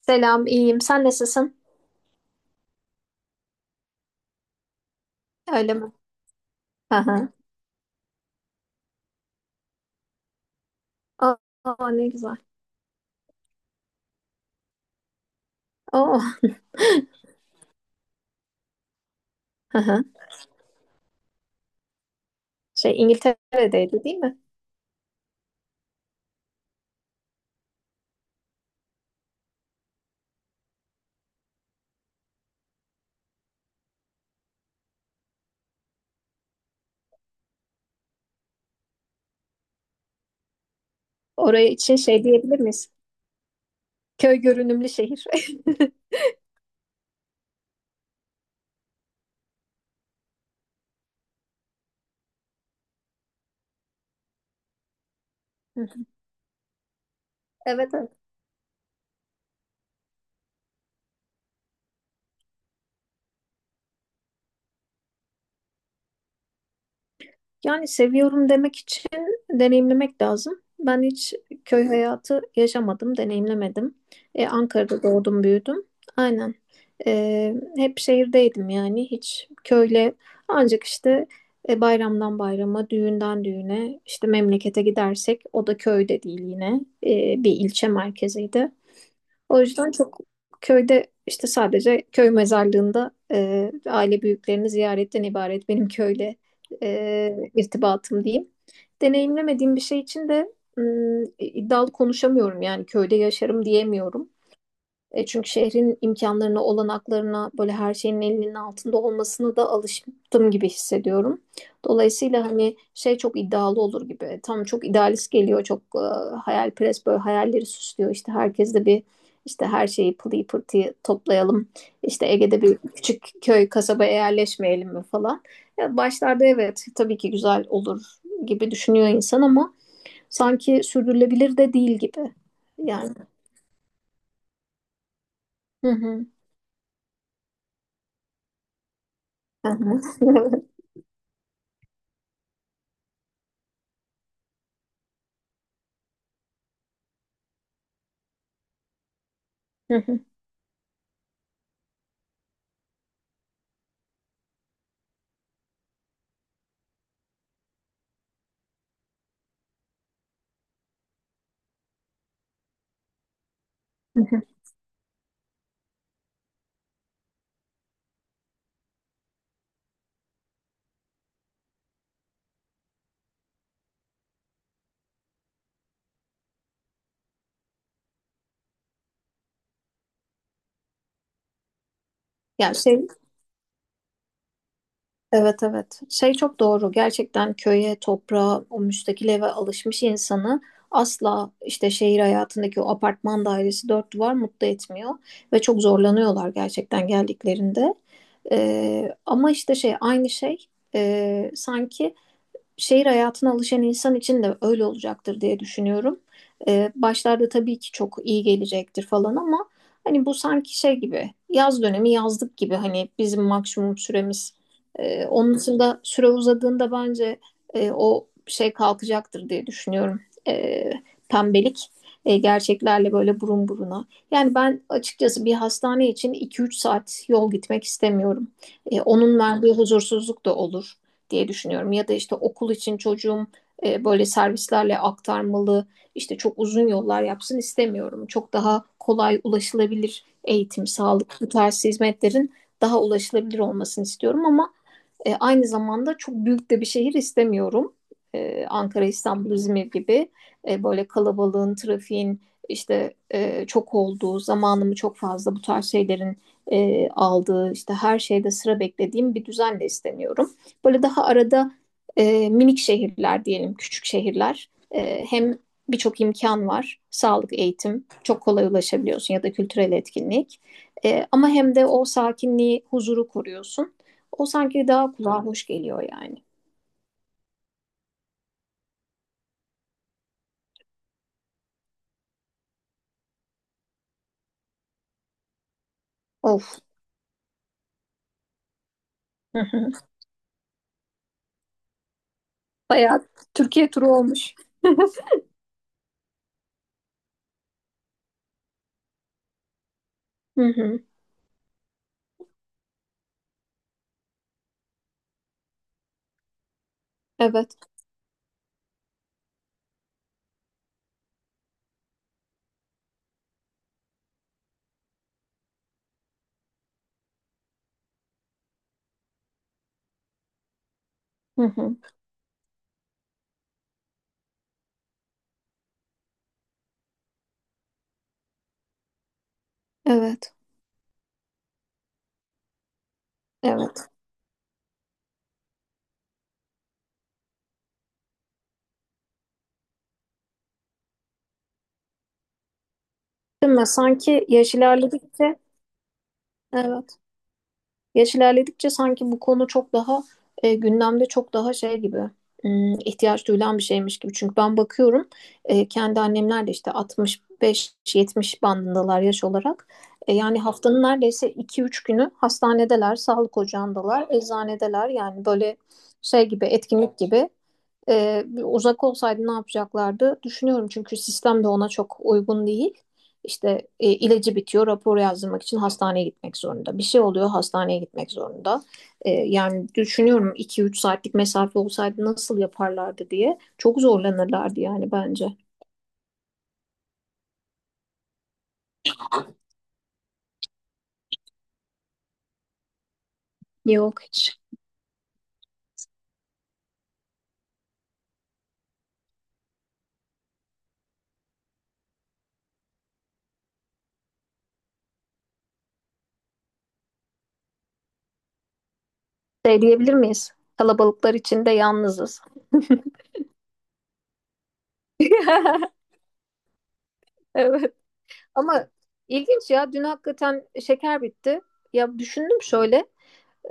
Selam, iyiyim. Sen nasılsın? Öyle mi? Hı hı. Aa, aa, ne güzel. Oo. Hı hı. Şey İngiltere'deydi değil mi? Oraya için şey diyebilir miyiz? Köy görünümlü şehir. Evet, evet. Yani seviyorum demek için deneyimlemek lazım. Ben hiç köy hayatı yaşamadım, deneyimlemedim. Ankara'da doğdum, büyüdüm. Aynen. Hep şehirdeydim yani. Hiç köyle ancak işte bayramdan bayrama, düğünden düğüne, işte memlekete gidersek o da köyde değil yine. Bir ilçe merkeziydi. O yüzden çok köyde işte sadece köy mezarlığında aile büyüklerini ziyaretten ibaret benim köyle irtibatım diyeyim. Deneyimlemediğim bir şey için de iddialı konuşamıyorum yani köyde yaşarım diyemiyorum. Çünkü şehrin imkanlarına, olanaklarına, böyle her şeyin elinin altında olmasına da alıştım gibi hissediyorum. Dolayısıyla hani şey çok iddialı olur gibi. Tam çok idealist geliyor, çok hayalperest böyle hayalleri süslüyor. İşte herkes de bir işte her şeyi pılıyı pırtıyı toplayalım. İşte Ege'de bir küçük köy kasabaya yerleşmeyelim mi falan. Ya başlarda evet tabii ki güzel olur gibi düşünüyor insan ama sanki sürdürülebilir de değil gibi. Yani. Hı hı. Hı hı. Hı hı, hı hı. Ya şey, evet, evet, şey çok doğru, gerçekten köye toprağa o müstakil eve alışmış insanı asla işte şehir hayatındaki o apartman dairesi dört duvar mutlu etmiyor ve çok zorlanıyorlar gerçekten geldiklerinde. Ama işte şey aynı şey, sanki şehir hayatına alışan insan için de öyle olacaktır diye düşünüyorum. Başlarda tabii ki çok iyi gelecektir falan ama hani bu sanki şey gibi yaz dönemi yazlık gibi hani bizim maksimum süremiz. Onun dışında süre uzadığında bence o şey kalkacaktır diye düşünüyorum. Ee, pembelik gerçeklerle böyle burun buruna. Yani ben açıkçası bir hastane için iki üç saat yol gitmek istemiyorum. Onun verdiği huzursuzluk da olur diye düşünüyorum. Ya da işte okul için çocuğum böyle servislerle aktarmalı, işte çok uzun yollar yapsın istemiyorum. Çok daha kolay ulaşılabilir eğitim, sağlık, bu tarz hizmetlerin daha ulaşılabilir olmasını istiyorum ama aynı zamanda çok büyük de bir şehir istemiyorum. Ankara, İstanbul, İzmir gibi böyle kalabalığın, trafiğin işte çok olduğu, zamanımı çok fazla bu tarz şeylerin aldığı, işte her şeyde sıra beklediğim bir düzen de istemiyorum. Böyle daha arada minik şehirler diyelim, küçük şehirler. Hem birçok imkan var, sağlık, eğitim, çok kolay ulaşabiliyorsun ya da kültürel etkinlik. Ama hem de o sakinliği, huzuru koruyorsun. O sanki daha kulağa hoş geliyor yani. Of. Hı hı. Bayağı Türkiye turu olmuş. Hı hı. Evet. Hı hı. Evet. Evet. Değil mi? Sanki yaş ilerledikçe evet. Yaş ilerledikçe sanki bu konu çok daha gündemde çok daha şey gibi ihtiyaç duyulan bir şeymiş gibi. Çünkü ben bakıyorum kendi annemler de işte 65-70 bandındalar yaş olarak. Yani haftanın neredeyse 2-3 günü hastanedeler, sağlık ocağındalar, eczanedeler. Yani böyle şey gibi etkinlik gibi uzak olsaydı ne yapacaklardı? Düşünüyorum çünkü sistem de ona çok uygun değil. İşte ilacı bitiyor, rapor yazdırmak için hastaneye gitmek zorunda. Bir şey oluyor, hastaneye gitmek zorunda. Yani düşünüyorum iki üç saatlik mesafe olsaydı nasıl yaparlardı diye. Çok zorlanırlardı yani bence. Yok hiç. Şey diyebilir miyiz? Kalabalıklar içinde yalnızız. Evet. Ama ilginç ya dün hakikaten şeker bitti. Ya düşündüm şöyle.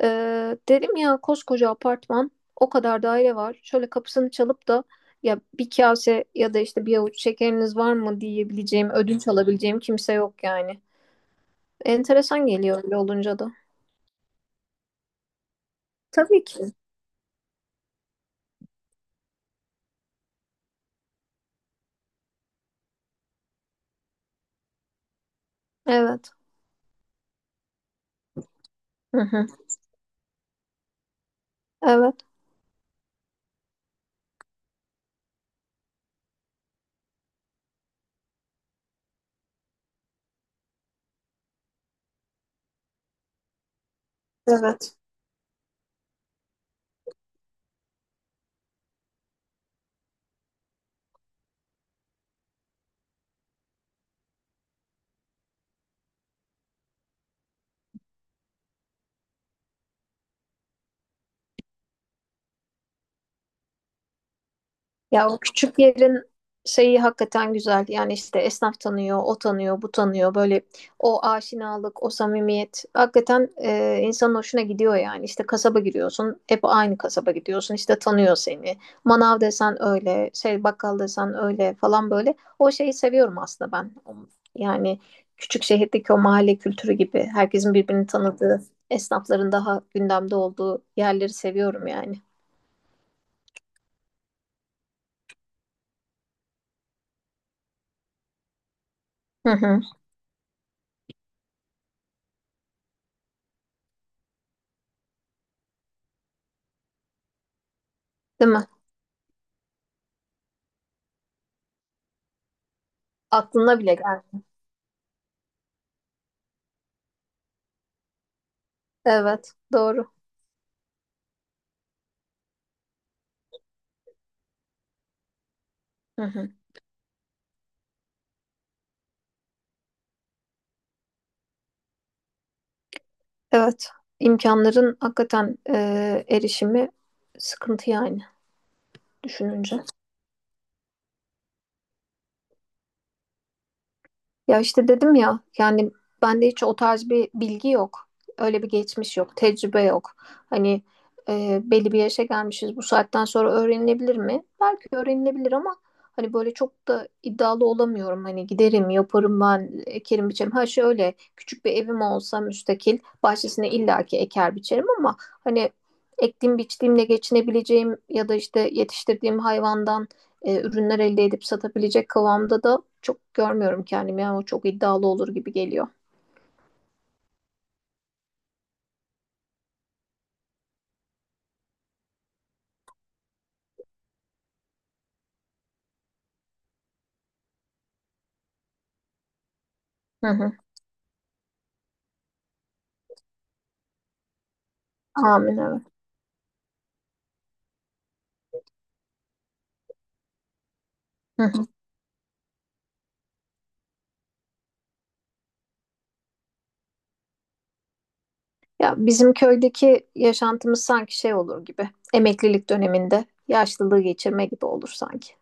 Dedim ya koskoca apartman o kadar daire var. Şöyle kapısını çalıp da ya bir kase ya da işte bir avuç şekeriniz var mı diyebileceğim, ödünç alabileceğim kimse yok yani. Enteresan geliyor öyle olunca da. Tabii ki. Evet. Hı hı. Evet. Evet. Ya o küçük yerin şeyi hakikaten güzel. Yani işte esnaf tanıyor, o tanıyor, bu tanıyor. Böyle o aşinalık, o samimiyet hakikaten insanın hoşuna gidiyor yani. İşte kasaba giriyorsun, hep aynı kasaba gidiyorsun. İşte tanıyor seni. Manav desen öyle, şey bakkal desen öyle falan böyle. O şeyi seviyorum aslında ben. Yani küçük şehirdeki o mahalle kültürü gibi herkesin birbirini tanıdığı, esnafların daha gündemde olduğu yerleri seviyorum yani. Hı hı. Değil mi? Aklına bile gelmiyor. Evet, doğru. Hı hı. Evet, imkanların hakikaten erişimi sıkıntı yani düşününce. Ya işte dedim ya yani bende hiç o tarz bir bilgi yok. Öyle bir geçmiş yok, tecrübe yok. Hani belli bir yaşa gelmişiz bu saatten sonra öğrenilebilir mi? Belki öğrenilebilir ama hani böyle çok da iddialı olamıyorum. Hani giderim, yaparım ben, ekerim biçerim. Ha şöyle küçük bir evim olsa müstakil bahçesine illaki eker biçerim ama hani ektiğim biçtiğimle geçinebileceğim ya da işte yetiştirdiğim hayvandan ürünler elde edip satabilecek kıvamda da çok görmüyorum kendimi. Yani o çok iddialı olur gibi geliyor. Hı hı. Amin evet. Hı hı. Ya bizim köydeki yaşantımız sanki şey olur gibi. Emeklilik döneminde yaşlılığı geçirme gibi olur sanki.